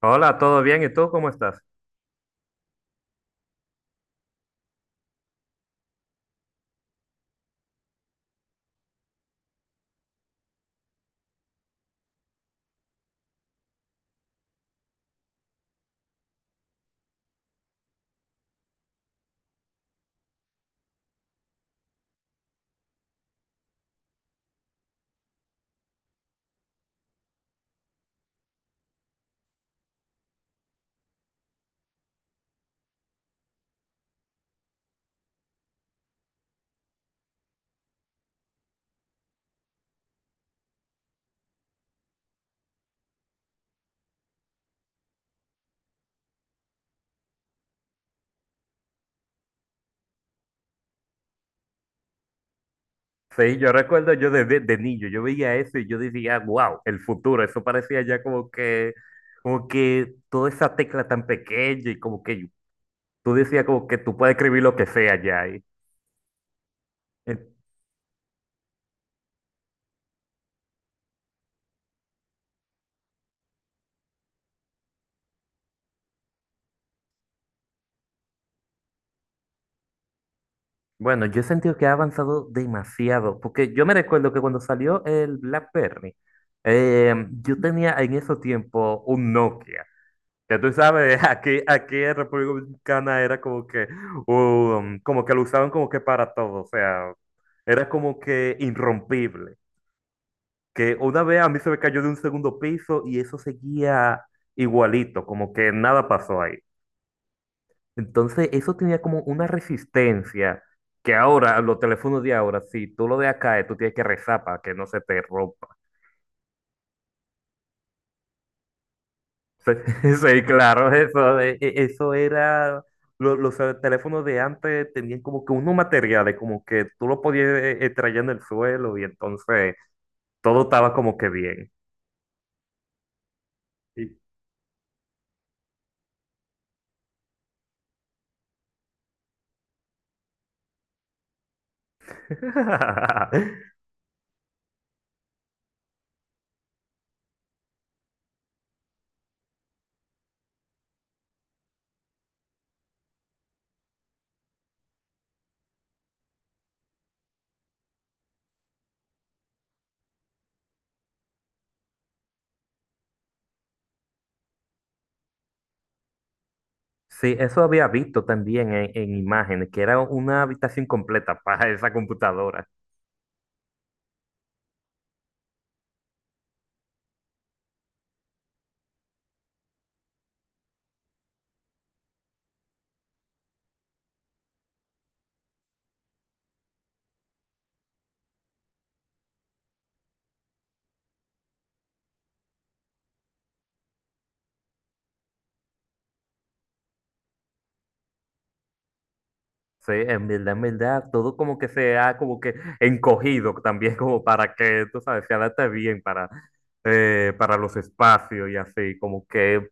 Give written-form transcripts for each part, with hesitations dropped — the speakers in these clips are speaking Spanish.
Hola, ¿todo bien? ¿Y tú cómo estás? Sí, yo recuerdo yo de niño, yo veía eso y yo decía, wow, el futuro, eso parecía ya como que toda esa tecla tan pequeña y como que tú decías como que tú puedes escribir lo que sea ya. Y, eh, bueno, yo he sentido que ha avanzado demasiado, porque yo me recuerdo que cuando salió el BlackBerry, yo tenía en ese tiempo un Nokia. Ya tú sabes, aquí en República Dominicana era como que lo usaban como que para todo, o sea, era como que irrompible. Que una vez a mí se me cayó de un segundo piso y eso seguía igualito, como que nada pasó ahí. Entonces, eso tenía como una resistencia que ahora, los teléfonos de ahora, si tú lo dejas caer, tú tienes que rezar para que no se te rompa. Sí, sí, claro, eso era, los, teléfonos de antes tenían como que unos materiales, como que tú lo podías traer en el suelo y entonces todo estaba como que bien. Y- Sí, eso había visto también en imágenes, que era una habitación completa para esa computadora. Sí, en verdad, todo como que se ha como que encogido también como para que, tú sabes, se adapte bien para los espacios y así, como que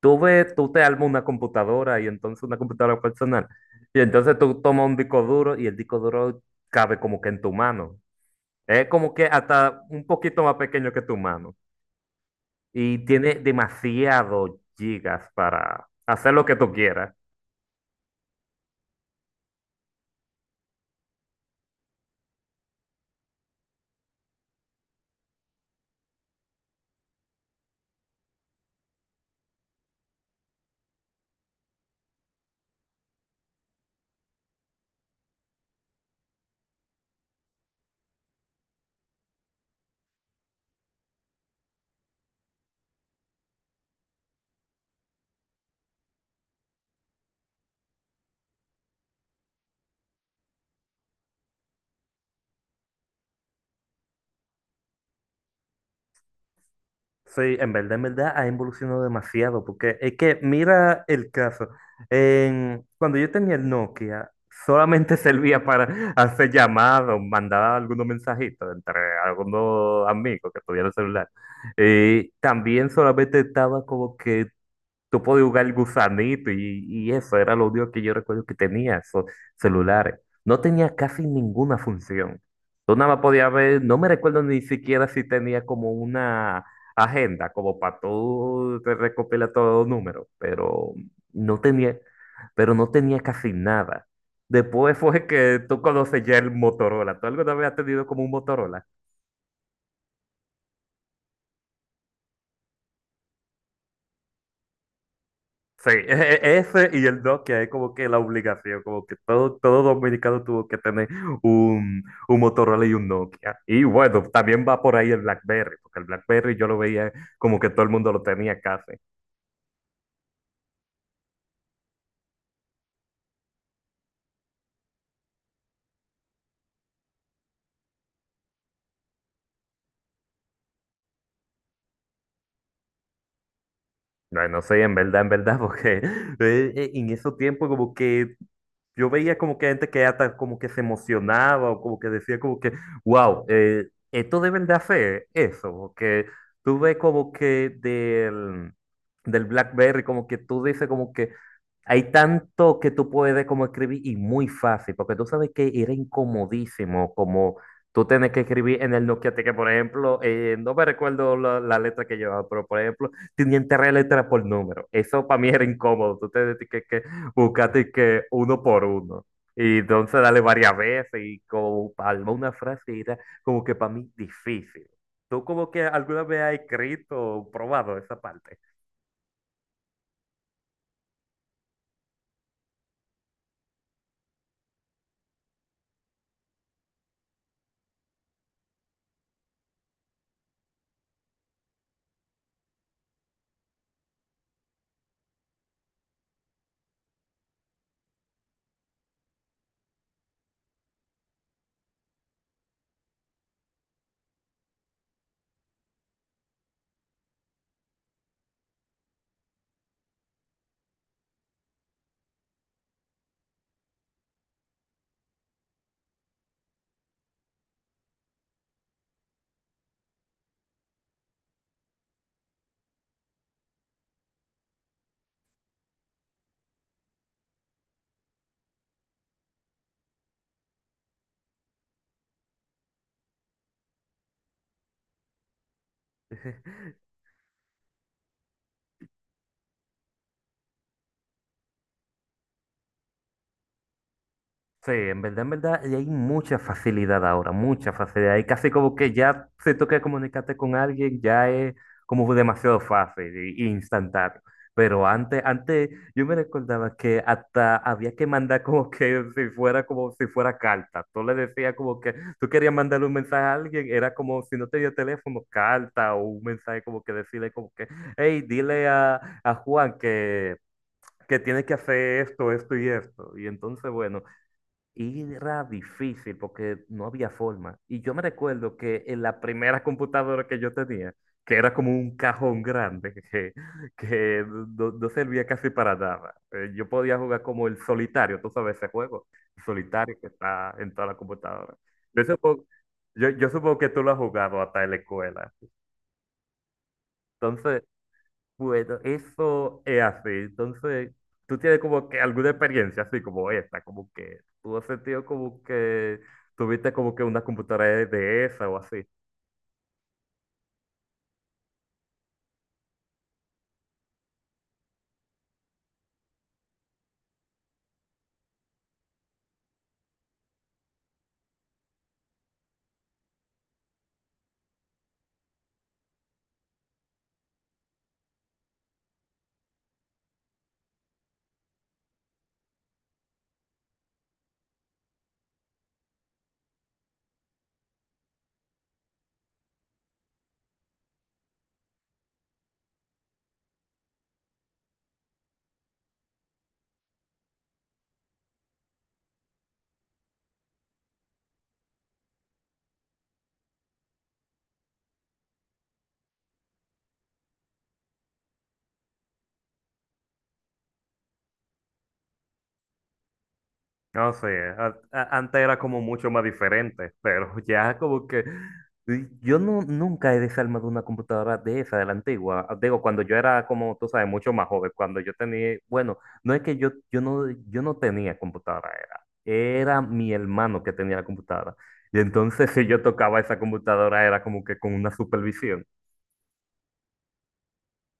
tú ves, tú te armas una computadora y entonces una computadora personal y entonces tú tomas un disco duro y el disco duro cabe como que en tu mano. Es como que hasta un poquito más pequeño que tu mano y tiene demasiado gigas para hacer lo que tú quieras. Sí, en verdad ha evolucionado demasiado, porque es que mira el caso. Cuando yo tenía el Nokia, solamente servía para hacer llamadas, mandar algunos mensajitos entre algunos amigos que tuvieran celular. Y también solamente estaba como que. Tú podías jugar el gusanito y eso era lo único que yo recuerdo que tenía, esos celulares. No tenía casi ninguna función. Tú nada más podías ver, no me recuerdo ni siquiera si tenía como una agenda, como para tú te recopilar todos los números, no tenía, pero no tenía casi nada. Después fue que tú conoces ya el Motorola. ¿Tú alguna vez has tenido como un Motorola? Sí, ese y el Nokia es como que la obligación, como que todo dominicano tuvo que tener un Motorola y un Nokia. Y bueno, también va por ahí el BlackBerry, porque el BlackBerry yo lo veía como que todo el mundo lo tenía casi. Bueno, no sé, en verdad, porque en esos tiempos como que yo veía como que gente que hasta como que se emocionaba o como que decía como que, wow, esto deben de hacer eso, porque tú ves como que del BlackBerry, como que tú dices como que, hay tanto que tú puedes como escribir y muy fácil, porque tú sabes que era incomodísimo como tú tienes que escribir en el Nokia T, que por ejemplo, no me recuerdo la letra que llevaba, pero por ejemplo, tenían tres letras por número. Eso para mí era incómodo. Tú tenías que buscar de que uno por uno. Y entonces darle varias veces y como palma una frase era como que para mí difícil. ¿Tú como que alguna vez has escrito o probado esa parte? Sí, en verdad, y hay mucha facilidad ahora, mucha facilidad. Y casi como que ya se toca comunicarte con alguien, ya es como demasiado fácil e instantáneo. Pero antes yo me recordaba que hasta había que mandar como que si fuera como si fuera carta. Tú le decías como que tú querías mandarle un mensaje a alguien, era como si no tenía teléfono, carta o un mensaje como que decirle como que, hey, dile a Juan que tiene que hacer esto, esto y esto. Y entonces, bueno. Y era difícil porque no había forma. Y yo me recuerdo que en la primera computadora que yo tenía, que, era como un cajón grande, que no, no servía casi para nada, yo podía jugar como el solitario, tú sabes ese juego, el solitario que está en toda la computadora. Yo supongo, yo supongo que tú lo has jugado hasta en la escuela. Entonces, bueno, eso es así. Entonces, tú tienes como que alguna experiencia así como esta, como que tú has sentido como que tuviste como que una computadora de esa o así. No sé, antes era como mucho más diferente, pero ya como que yo no nunca he desarmado una computadora de esa, de la antigua. Digo, cuando yo era como, tú sabes, mucho más joven, cuando yo tenía, bueno, no es que yo no tenía computadora, era mi hermano que tenía la computadora. Y entonces si yo tocaba esa computadora era como que con una supervisión.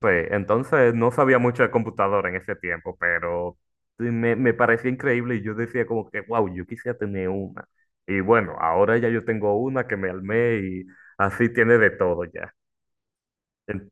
Sí, entonces no sabía mucho de computadora en ese tiempo, pero sí me parecía increíble y yo decía como que, wow, yo quisiera tener una. Y bueno, ahora ya yo tengo una que me armé y así tiene de todo ya. En-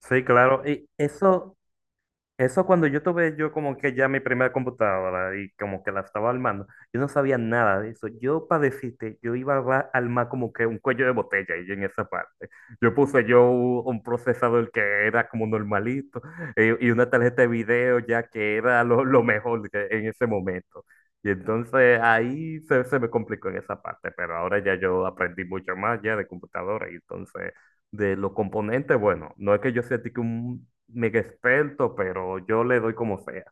Sí, claro. Eso cuando yo tuve yo como que ya mi primera computadora y como que la estaba armando, yo no sabía nada de eso. Yo para decirte, yo iba a armar como que un cuello de botella y en esa parte. Yo puse yo un procesador que era como normalito y, una tarjeta de video ya que era lo mejor en ese momento. Y entonces ahí se me complicó en esa parte, pero ahora ya yo aprendí mucho más ya de computadora y entonces de los componentes, bueno, no es que yo sea tique un mega experto, pero yo le doy como sea.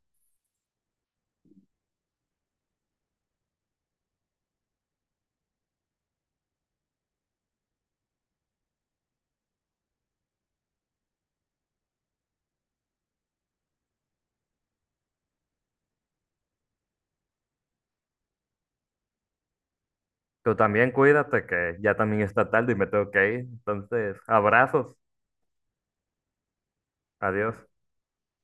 Tú también cuídate, que ya también está tarde y me tengo que ir. Entonces, abrazos, adiós.